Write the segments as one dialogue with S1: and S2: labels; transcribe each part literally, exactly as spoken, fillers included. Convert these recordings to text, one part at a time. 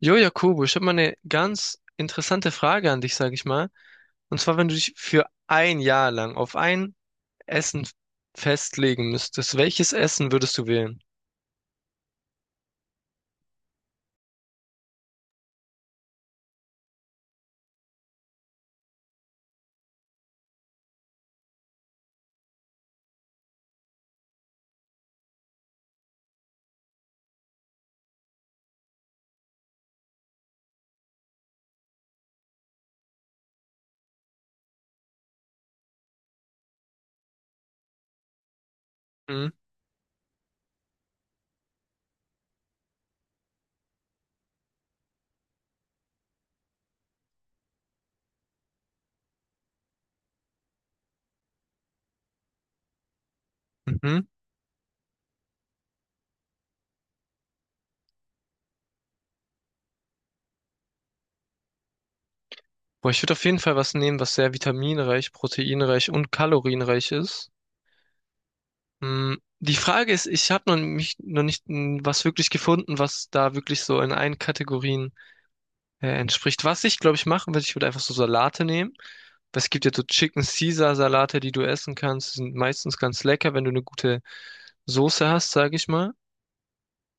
S1: Jo, Jakobo, ich habe mal eine ganz interessante Frage an dich, sage ich mal. Und zwar, wenn du dich für ein Jahr lang auf ein Essen festlegen müsstest, welches Essen würdest du wählen? Mhm. Mhm. Boah, ich würde auf jeden Fall was nehmen, was sehr vitaminreich, proteinreich und kalorienreich ist. Mm, Die Frage ist, ich habe noch mich noch nicht mm, was wirklich gefunden, was da wirklich so in allen Kategorien äh, entspricht. Was ich, glaube ich, machen würde, ich würde einfach so Salate nehmen. Weil es gibt ja so Chicken Caesar Salate, die du essen kannst. Die sind meistens ganz lecker, wenn du eine gute Soße hast, sage ich mal.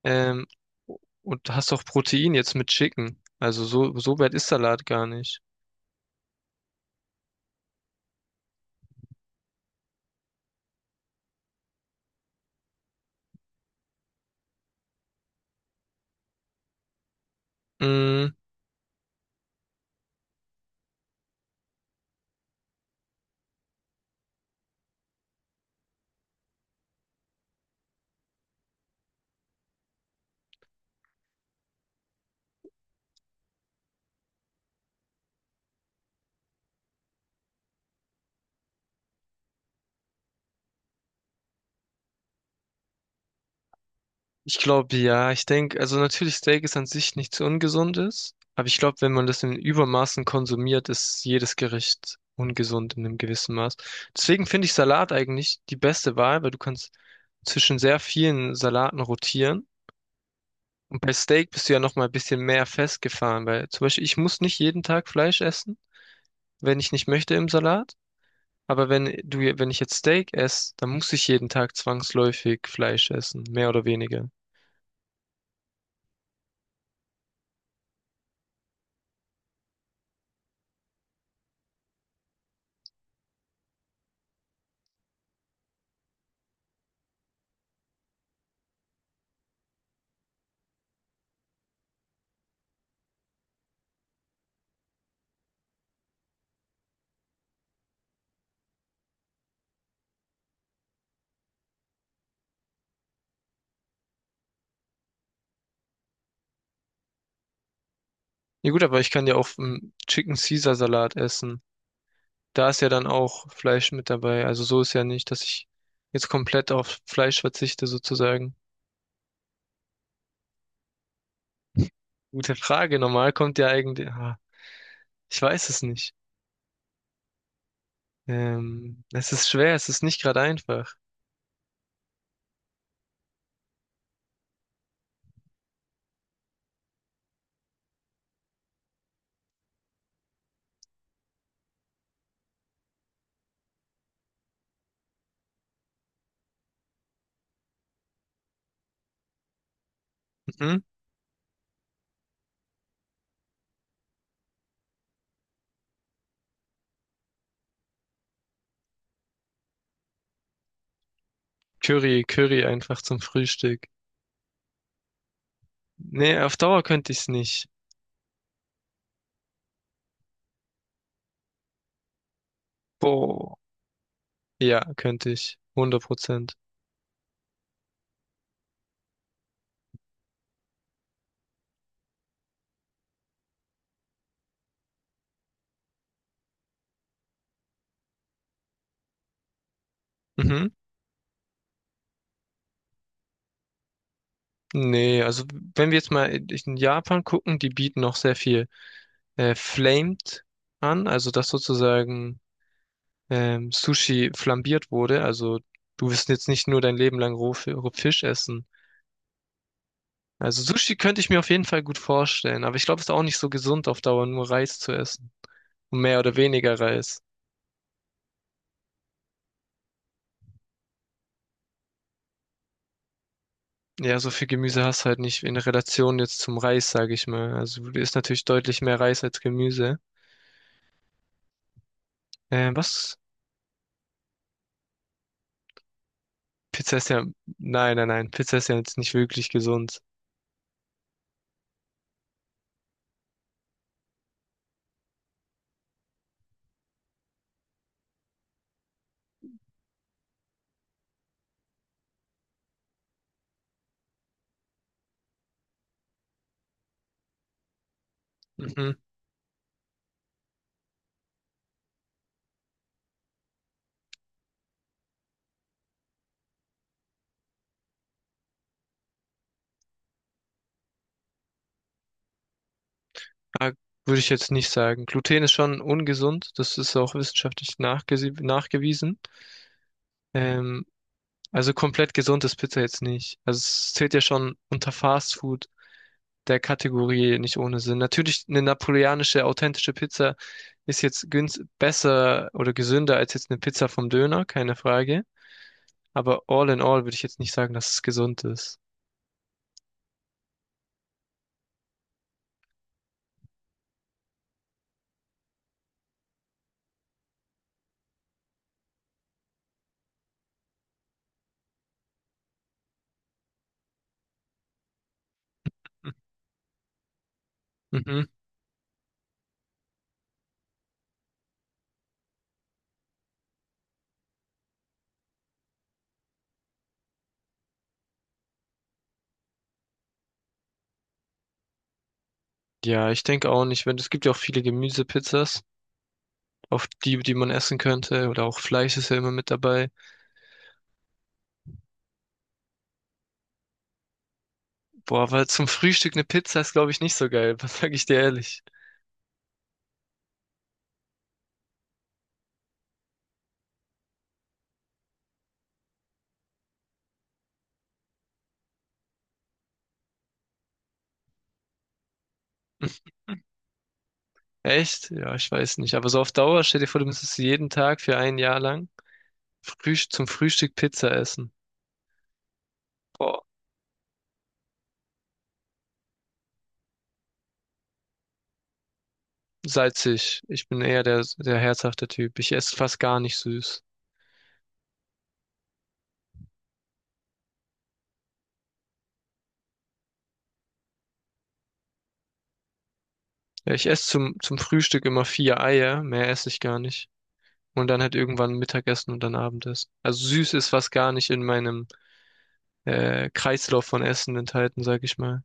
S1: Ähm, und hast auch Protein jetzt mit Chicken. Also so, so weit ist Salat gar nicht. Mm. Ich glaube, ja, ich denke, also natürlich Steak ist an sich nichts Ungesundes, aber ich glaube, wenn man das in Übermaßen konsumiert, ist jedes Gericht ungesund in einem gewissen Maß. Deswegen finde ich Salat eigentlich die beste Wahl, weil du kannst zwischen sehr vielen Salaten rotieren. Und bei Steak bist du ja noch mal ein bisschen mehr festgefahren, weil zum Beispiel ich muss nicht jeden Tag Fleisch essen, wenn ich nicht möchte im Salat. Aber wenn du, wenn ich jetzt Steak esse, dann muss ich jeden Tag zwangsläufig Fleisch essen, mehr oder weniger. Ja gut, aber ich kann ja auch einen Chicken Caesar Salat essen. Da ist ja dann auch Fleisch mit dabei. Also so ist ja nicht, dass ich jetzt komplett auf Fleisch verzichte sozusagen. Gute Frage. Normal kommt ja eigentlich. Ah, ich weiß es nicht. Ähm, es ist schwer, es ist nicht gerade einfach. Mhm. Curry, Curry einfach zum Frühstück. Nee, auf Dauer könnte ich's nicht. Boah. Ja, könnte ich. hundert Prozent. Mhm. Nee, also wenn wir jetzt mal in in Japan gucken, die bieten noch sehr viel. Äh, flamed an, also dass sozusagen ähm, Sushi flambiert wurde. Also du wirst jetzt nicht nur dein Leben lang roh Fi- roh Fisch essen. Also Sushi könnte ich mir auf jeden Fall gut vorstellen, aber ich glaube, es ist auch nicht so gesund auf Dauer, nur Reis zu essen. Und mehr oder weniger Reis. Ja, so viel Gemüse hast du halt nicht in Relation jetzt zum Reis, sage ich mal. Also du isst natürlich deutlich mehr Reis als Gemüse. Äh, was? Pizza ist ja. Nein, nein, nein. Pizza ist ja jetzt nicht wirklich gesund. Mhm. Ah, würde ich jetzt nicht sagen. Gluten ist schon ungesund, das ist auch wissenschaftlich nachgese- nachgewiesen. Ähm, also komplett gesund ist Pizza jetzt nicht. Also es zählt ja schon unter Fast Food der Kategorie nicht ohne Sinn. Natürlich eine napoleonische, authentische Pizza ist jetzt günst besser oder gesünder als jetzt eine Pizza vom Döner, keine Frage. Aber all in all würde ich jetzt nicht sagen, dass es gesund ist. Mhm. Ja, ich denke auch nicht, wenn es gibt ja auch viele Gemüsepizzas, auf die, die man essen könnte. Oder auch Fleisch ist ja immer mit dabei. Boah, aber zum Frühstück eine Pizza ist, glaube ich, nicht so geil. Was sag ich dir ehrlich? Hm, echt? Ja, ich weiß nicht. Aber so auf Dauer, stell dir vor, du müsstest jeden Tag für ein Jahr lang Frühst zum Frühstück Pizza essen. Boah, salzig. Ich bin eher der, der herzhafte Typ. Ich esse fast gar nicht süß. Ja, ich esse zum, zum Frühstück immer vier Eier. Mehr esse ich gar nicht. Und dann halt irgendwann Mittagessen und dann Abendessen. Also süß ist fast gar nicht in meinem äh, Kreislauf von Essen enthalten, sag ich mal.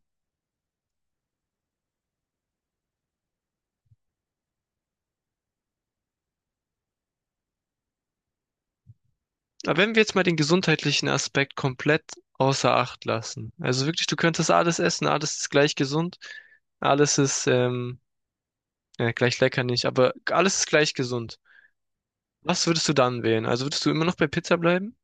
S1: Aber wenn wir jetzt mal den gesundheitlichen Aspekt komplett außer Acht lassen, also wirklich, du könntest alles essen, alles ist gleich gesund, alles ist ähm, ja, gleich lecker nicht, aber alles ist gleich gesund. Was würdest du dann wählen? Also würdest du immer noch bei Pizza bleiben?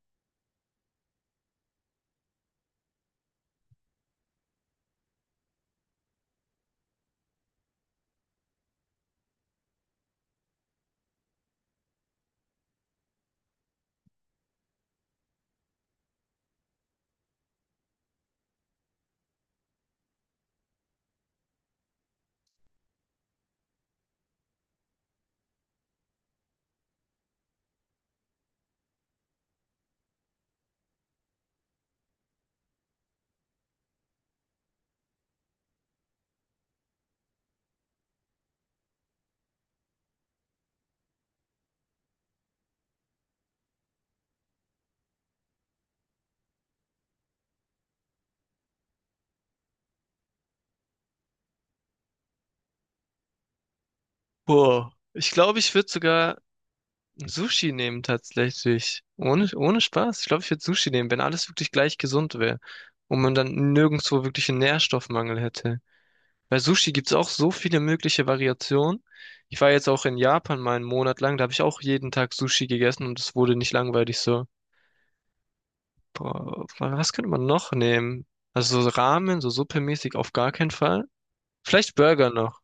S1: Boah, ich glaube, ich würde sogar Sushi nehmen tatsächlich. Ohne, ohne Spaß. Ich glaube, ich würde Sushi nehmen, wenn alles wirklich gleich gesund wäre und man dann nirgendwo wirklich einen Nährstoffmangel hätte. Bei Sushi gibt's auch so viele mögliche Variationen. Ich war jetzt auch in Japan mal einen Monat lang, da habe ich auch jeden Tag Sushi gegessen und es wurde nicht langweilig so. Boah, was könnte man noch nehmen? Also so Ramen, so suppemäßig auf gar keinen Fall. Vielleicht Burger noch.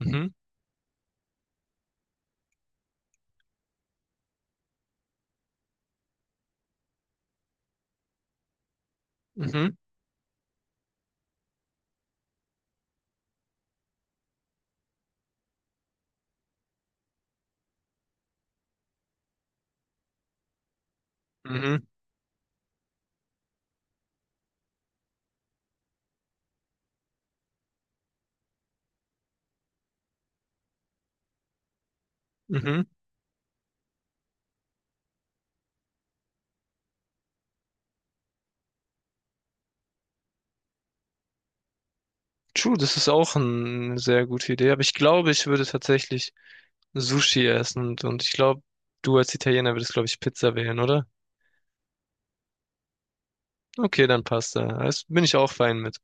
S1: Mhm, mhm, mhm, mhm. True, das ist auch eine sehr gute Idee, aber ich glaube, ich würde tatsächlich Sushi essen und, und ich glaube, du als Italiener würdest, glaube ich, Pizza wählen, oder? Okay, dann passt da. Das bin ich auch fein mit.